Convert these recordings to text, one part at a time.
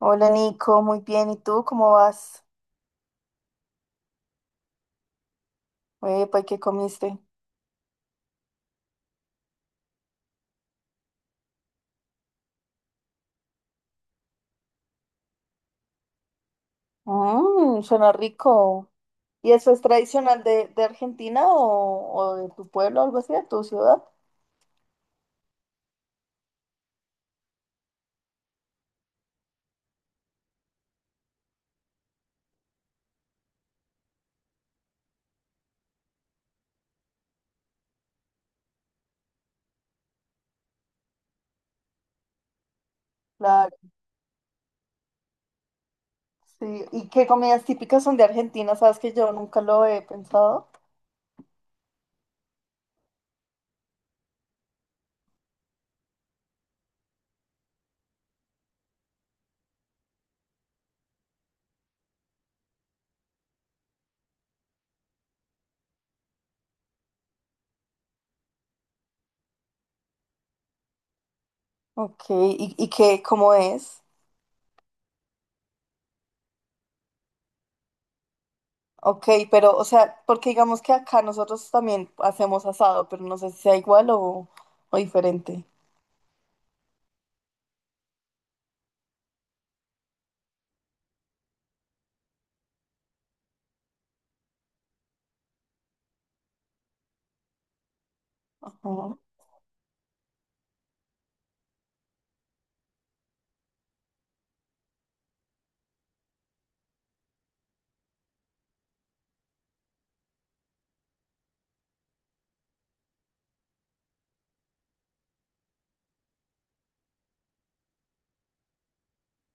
Hola Nico, muy bien. ¿Y tú cómo vas? Epa, ¿y qué comiste? Mmm, suena rico. ¿Y eso es tradicional de Argentina o de tu pueblo, algo así, de tu ciudad? Claro, sí. ¿Y qué comidas típicas son de Argentina? Sabes que yo nunca lo he pensado. Ok, qué, cómo es? Ok, pero, o sea, porque digamos que acá nosotros también hacemos asado, pero no sé si sea igual o diferente. Ujú.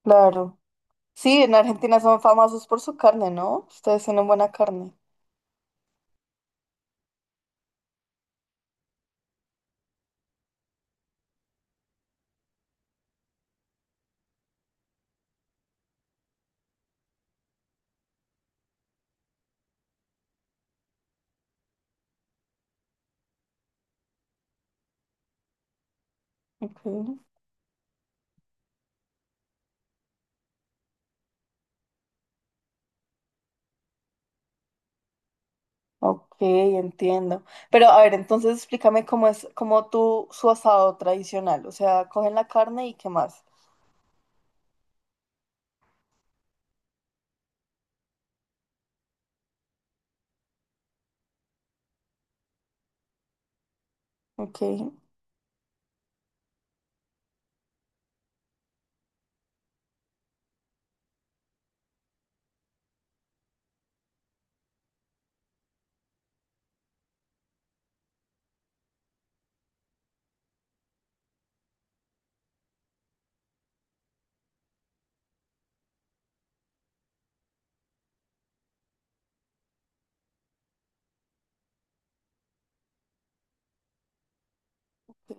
Claro. Sí, en Argentina son famosos por su carne, ¿no? Ustedes tienen buena carne. Ok, ok, entiendo. Pero a ver, entonces explícame cómo es, cómo tú, su asado tradicional. O sea, cogen la carne y qué más. Ok. Ok.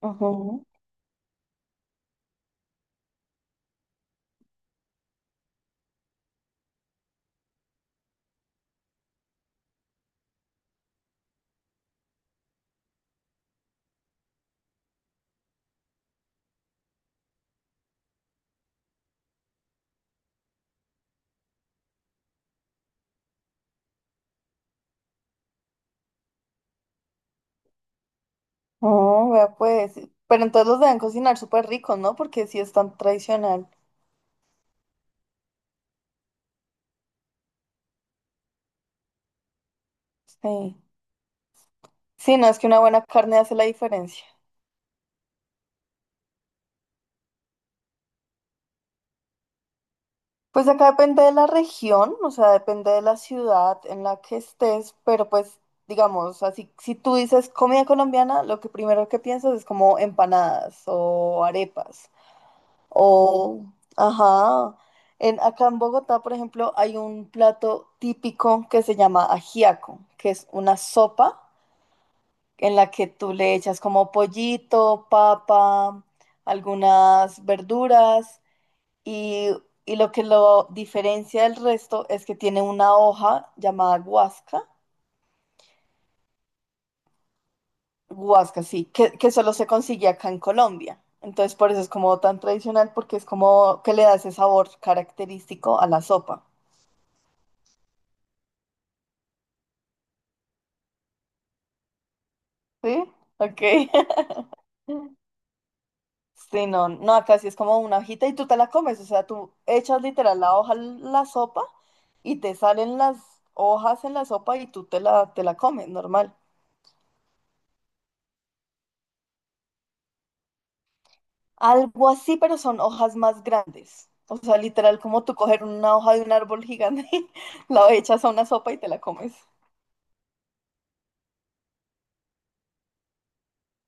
Ujú. Oh, vea pues. Pero entonces los deben cocinar súper ricos, ¿no? Porque sí es tan tradicional. Sí. Sí, no, es que una buena carne hace la diferencia. Pues acá depende de la región, o sea, depende de la ciudad en la que estés, pero pues digamos, así, si tú dices comida colombiana, lo que primero que piensas es como empanadas o arepas o, ajá, en, acá en Bogotá, por ejemplo, hay un plato típico que se llama ajiaco, que es una sopa en la que tú le echas como pollito, papa, algunas verduras. Y, y lo que lo diferencia del resto es que tiene una hoja llamada guasca, guasca, sí, que solo se consigue acá en Colombia. Entonces por eso es como tan tradicional, porque es como que le da ese sabor característico a la sopa. ¿Sí? Ok. Sí, no, no, acá sí es como una hojita y tú te la comes, o sea, tú echas literal la hoja en la sopa y te salen las hojas en la sopa y tú te la comes, normal. Algo así, pero son hojas más grandes. O sea, literal, como tú coger una hoja de un árbol gigante, la echas a una sopa y te la comes.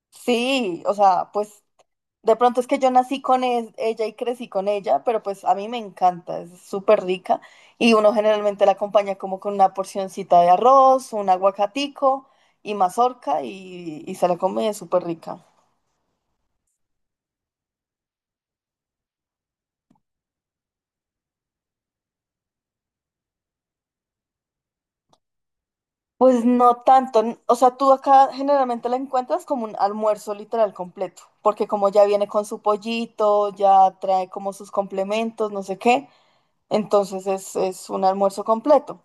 Sí, o sea, pues de pronto es que yo nací con ella y crecí con ella, pero pues a mí me encanta, es súper rica y uno generalmente la acompaña como con una porcioncita de arroz, un aguacatico y mazorca y se la come, es súper rica. Pues no tanto, o sea, tú acá generalmente la encuentras como un almuerzo literal completo, porque como ya viene con su pollito, ya trae como sus complementos, no sé qué, entonces es un almuerzo completo.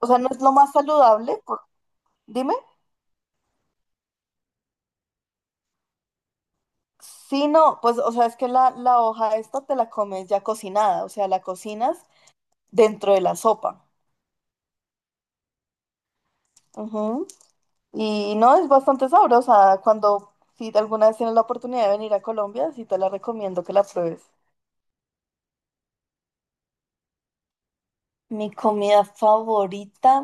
O sea, no es lo más saludable, dime. Sí, no, pues, o sea, es que la hoja esta te la comes ya cocinada, o sea, la cocinas dentro de la sopa. Ujú. Y no, es bastante sabrosa. Cuando, si alguna vez tienes la oportunidad de venir a Colombia, sí te la recomiendo que la pruebes. Mi comida favorita,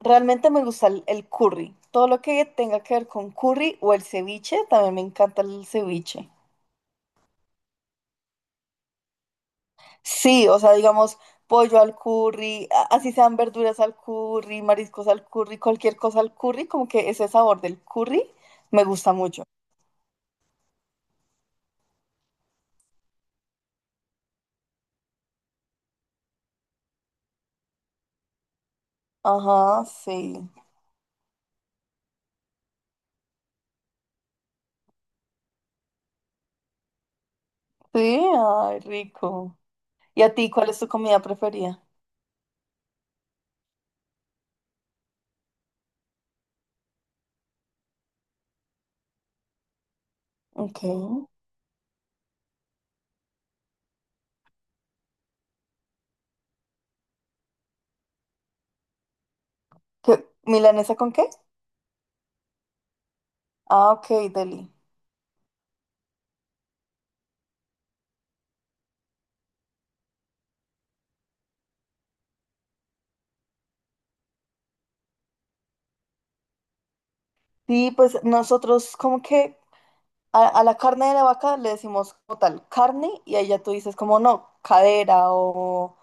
realmente me gusta el curry. Todo lo que tenga que ver con curry o el ceviche, también me encanta el ceviche. Sí, o sea, digamos, pollo al curry, así sean verduras al curry, mariscos al curry, cualquier cosa al curry, como que ese sabor del curry me gusta mucho. Ajá, sí. Sí, ay, rico. ¿Y a ti cuál es tu comida preferida? Ok. ¿Qué? ¿Milanesa con qué? Ah, ok, deli. Sí, pues nosotros como que a la carne de la vaca le decimos como tal carne y ahí ya tú dices como no, cadera o...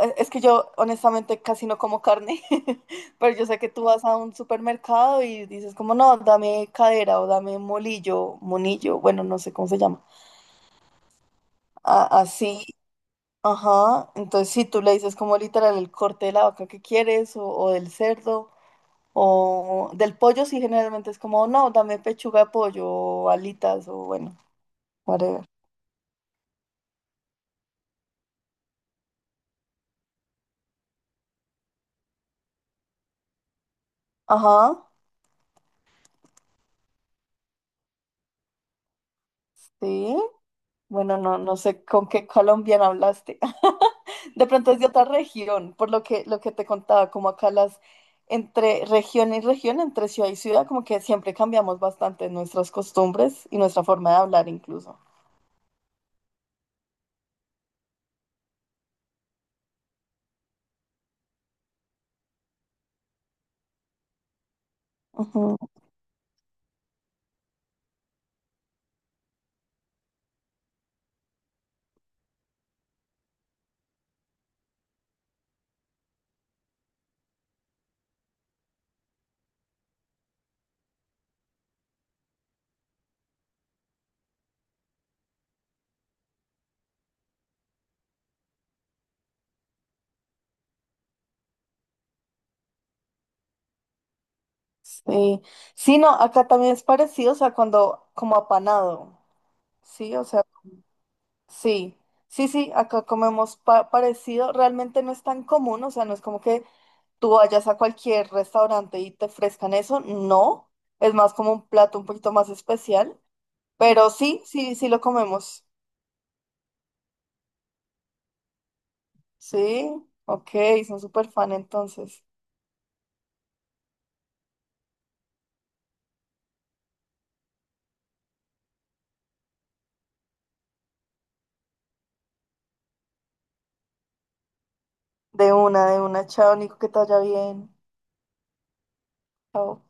Es que yo honestamente casi no como carne, pero yo sé que tú vas a un supermercado y dices como no, dame cadera o dame molillo, monillo, bueno, no sé cómo se llama. Así, ajá. Entonces si tú le dices como literal el corte de la vaca que quieres o del cerdo o del pollo, sí generalmente es como no, dame pechuga de pollo o alitas o bueno, whatever. Ajá. Sí, bueno, no, no sé con qué colombiano hablaste. De pronto es de otra región, por lo que te contaba, como acá las entre región y región, entre ciudad y ciudad, como que siempre cambiamos bastante nuestras costumbres y nuestra forma de hablar incluso. Ujú. Sí. Sí, no, acá también es parecido, o sea, cuando como apanado, sí, o sea, sí, sí, sí, acá comemos parecido, realmente no es tan común, o sea, no es como que tú vayas a cualquier restaurante y te ofrezcan eso, no, es más como un plato un poquito más especial, pero sí, sí, sí lo comemos. Sí, ok, son súper fan entonces. De una, chao, Nico, que te vaya bien. Chao.